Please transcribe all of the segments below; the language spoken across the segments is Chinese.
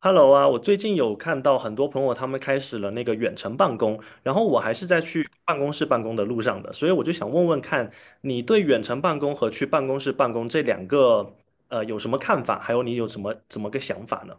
Hello 啊，我最近有看到很多朋友他们开始了那个远程办公，然后我还是在去办公室办公的路上的，所以我就想问问看，你对远程办公和去办公室办公这两个有什么看法，还有你有什么怎么个想法呢？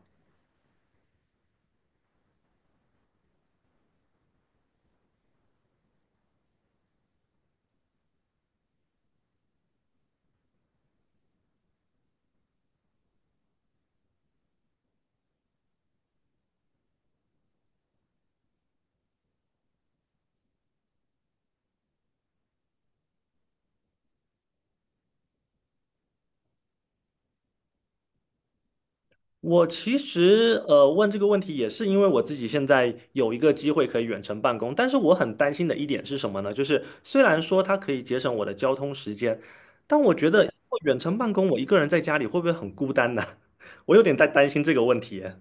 我其实问这个问题也是因为我自己现在有一个机会可以远程办公，但是我很担心的一点是什么呢？就是虽然说它可以节省我的交通时间，但我觉得如果远程办公我一个人在家里会不会很孤单呢？我有点在担心这个问题耶。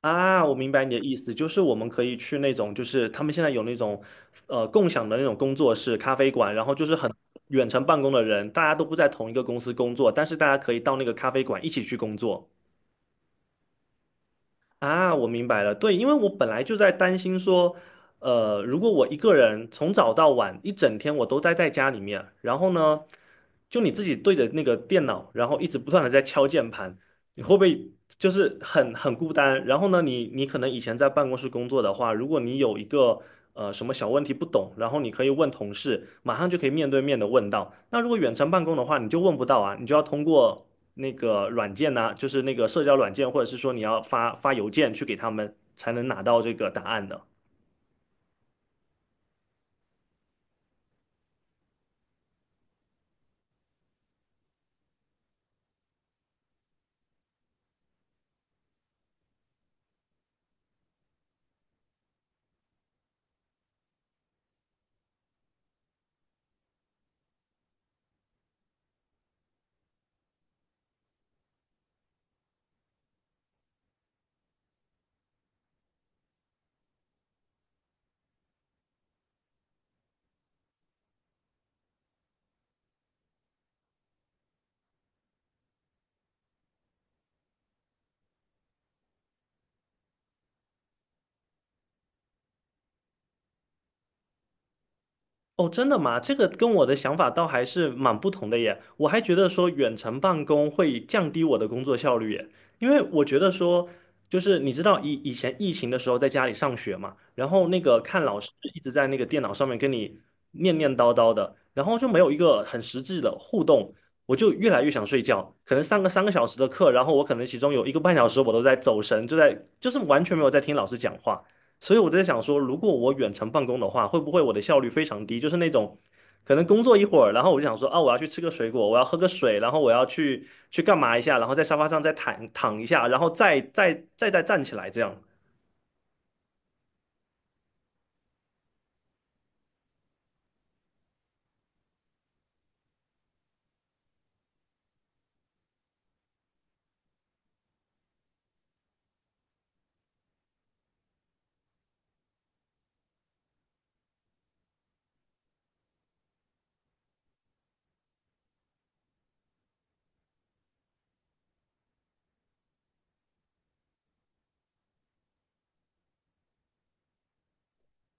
啊，我明白你的意思，就是我们可以去那种，就是他们现在有那种，共享的那种工作室、咖啡馆，然后就是很远程办公的人，大家都不在同一个公司工作，但是大家可以到那个咖啡馆一起去工作。啊，我明白了。对，因为我本来就在担心说，如果我一个人从早到晚一整天我都待在家里面，然后呢，就你自己对着那个电脑，然后一直不断的在敲键盘，你会不会就是很孤单？然后呢，你可能以前在办公室工作的话，如果你有一个什么小问题不懂，然后你可以问同事，马上就可以面对面的问到。那如果远程办公的话，你就问不到啊，你就要通过那个软件呢、就是那个社交软件，或者是说你要发邮件去给他们，才能拿到这个答案的。哦，真的吗？这个跟我的想法倒还是蛮不同的耶。我还觉得说远程办公会降低我的工作效率耶，因为我觉得说，就是你知道以前疫情的时候在家里上学嘛，然后那个看老师一直在那个电脑上面跟你念念叨叨的，然后就没有一个很实质的互动，我就越来越想睡觉。可能上个3个小时的课，然后我可能其中有1个半小时我都在走神，就是完全没有在听老师讲话。所以我在想说，如果我远程办公的话，会不会我的效率非常低？就是那种可能工作一会儿，然后我就想说，啊，我要去吃个水果，我要喝个水，然后我要去干嘛一下，然后在沙发上再躺躺一下，然后再站起来这样。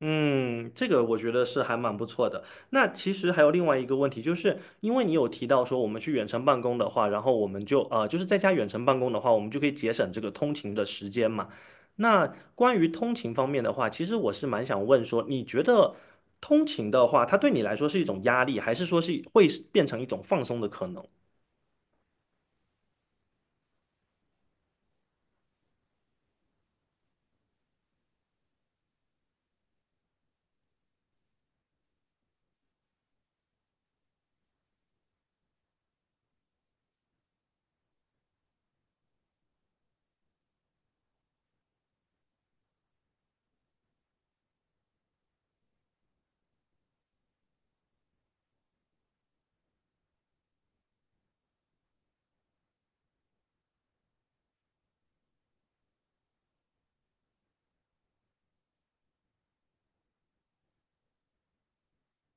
嗯，这个我觉得是还蛮不错的。那其实还有另外一个问题，就是因为你有提到说我们去远程办公的话，然后我们就是在家远程办公的话，我们就可以节省这个通勤的时间嘛。那关于通勤方面的话，其实我是蛮想问说，你觉得通勤的话，它对你来说是一种压力，还是说是会是变成一种放松的可能？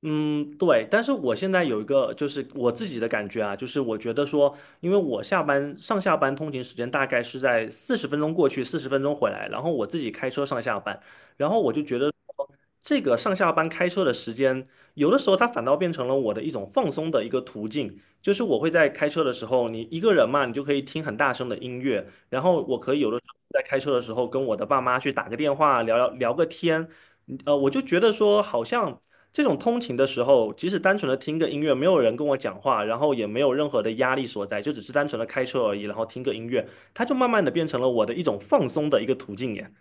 嗯，对，但是我现在有一个就是我自己的感觉啊，就是我觉得说，因为我上下班通勤时间大概是在四十分钟过去，四十分钟回来，然后我自己开车上下班，然后我就觉得说这个上下班开车的时间，有的时候它反倒变成了我的一种放松的一个途径，就是我会在开车的时候，你一个人嘛，你就可以听很大声的音乐，然后我可以有的时候在开车的时候跟我的爸妈去打个电话，聊个天。我就觉得说，好像这种通勤的时候，即使单纯的听个音乐，没有人跟我讲话，然后也没有任何的压力所在，就只是单纯的开车而已，然后听个音乐，它就慢慢的变成了我的一种放松的一个途径耶。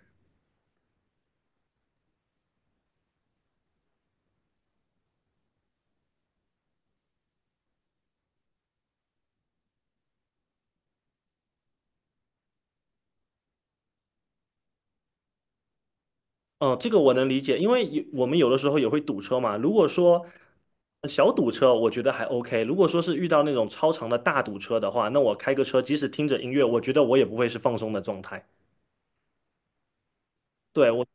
嗯，这个我能理解，因为我们有的时候也会堵车嘛。如果说小堵车，我觉得还 OK；如果说是遇到那种超长的大堵车的话，那我开个车，即使听着音乐，我觉得我也不会是放松的状态。对。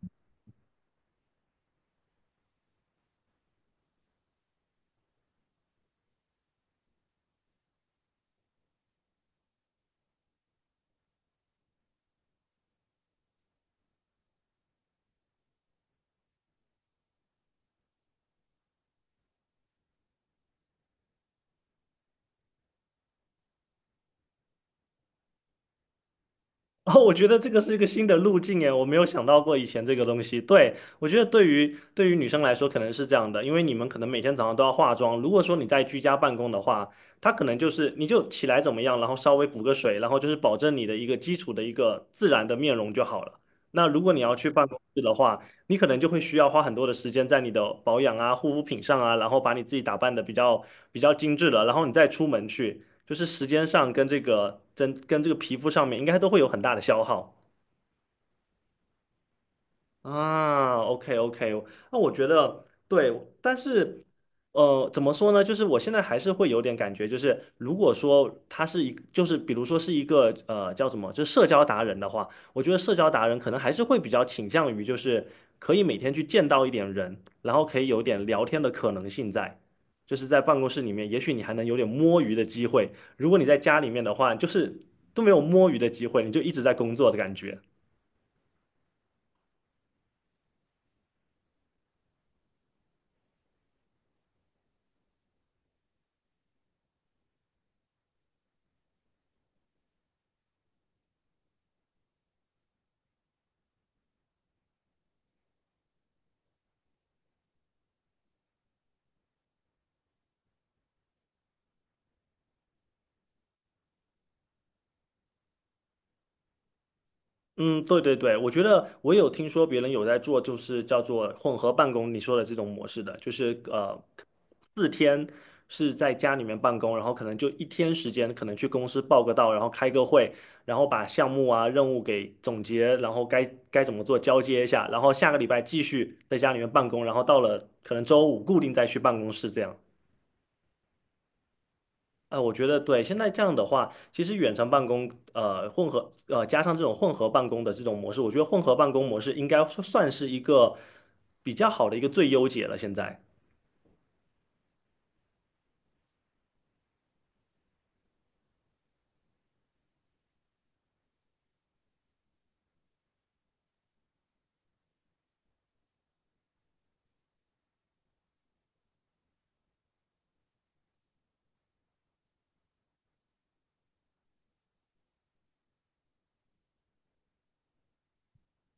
哦，我觉得这个是一个新的路径耶，我没有想到过以前这个东西。对，我觉得对于女生来说可能是这样的，因为你们可能每天早上都要化妆。如果说你在居家办公的话，它可能就是你就起来怎么样，然后稍微补个水，然后就是保证你的一个基础的一个自然的面容就好了。那如果你要去办公室的话，你可能就会需要花很多的时间在你的保养啊、护肤品上啊，然后把你自己打扮的比较精致了，然后你再出门去。就是时间上跟这个皮肤上面应该都会有很大的消耗。啊，OK OK，那我觉得对，但是怎么说呢？就是我现在还是会有点感觉，就是如果说他是一，就是比如说是一个叫什么，就是社交达人的话，我觉得社交达人可能还是会比较倾向于就是可以每天去见到一点人，然后可以有点聊天的可能性在，就是在办公室里面，也许你还能有点摸鱼的机会。如果你在家里面的话，就是都没有摸鱼的机会，你就一直在工作的感觉。嗯，对对对，我觉得我有听说别人有在做，就是叫做混合办公，你说的这种模式的，就是4天是在家里面办公，然后可能就一天时间，可能去公司报个到，然后开个会，然后把项目啊任务给总结，然后该怎么做交接一下，然后下个礼拜继续在家里面办公，然后到了可能周五固定再去办公室这样。啊，我觉得对，现在这样的话，其实远程办公，加上这种混合办公的这种模式，我觉得混合办公模式应该算是一个比较好的一个最优解了。现在，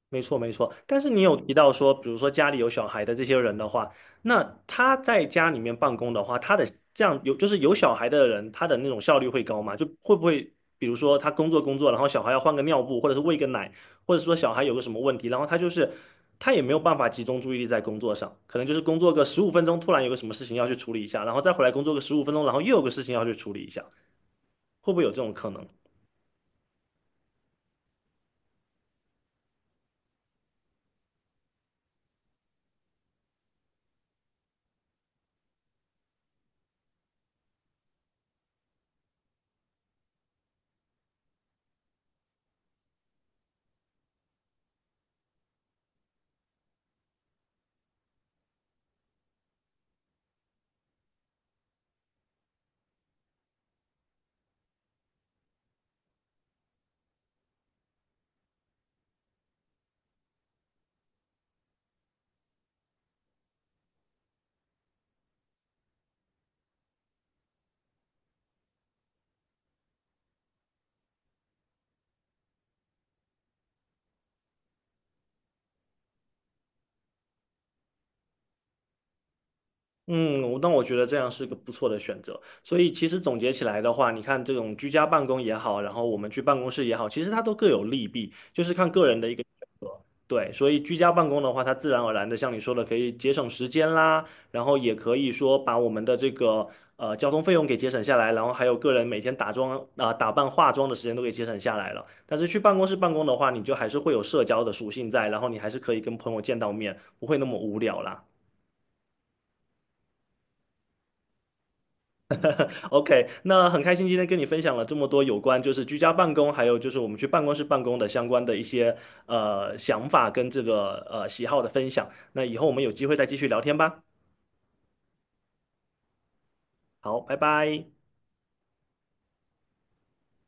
没错，没错。但是你有提到说，比如说家里有小孩的这些人的话，那他在家里面办公的话，他的这样有就是有小孩的人，他的那种效率会高吗？就会不会，比如说他工作，然后小孩要换个尿布，或者是喂个奶，或者说小孩有个什么问题，然后他就是他也没有办法集中注意力在工作上，可能就是工作个十五分钟，突然有个什么事情要去处理一下，然后再回来工作个十五分钟，然后又有个事情要去处理一下，会不会有这种可能？嗯，我那我觉得这样是个不错的选择。所以其实总结起来的话，你看这种居家办公也好，然后我们去办公室也好，其实它都各有利弊，就是看个人的一个选择。对，所以居家办公的话，它自然而然的像你说的，可以节省时间啦，然后也可以说把我们的这个交通费用给节省下来，然后还有个人每天打扮化妆的时间都给节省下来了。但是去办公室办公的话，你就还是会有社交的属性在，然后你还是可以跟朋友见到面，不会那么无聊啦。OK，那很开心今天跟你分享了这么多有关就是居家办公，还有就是我们去办公室办公的相关的一些想法跟喜好的分享。那以后我们有机会再继续聊天吧。好，拜拜。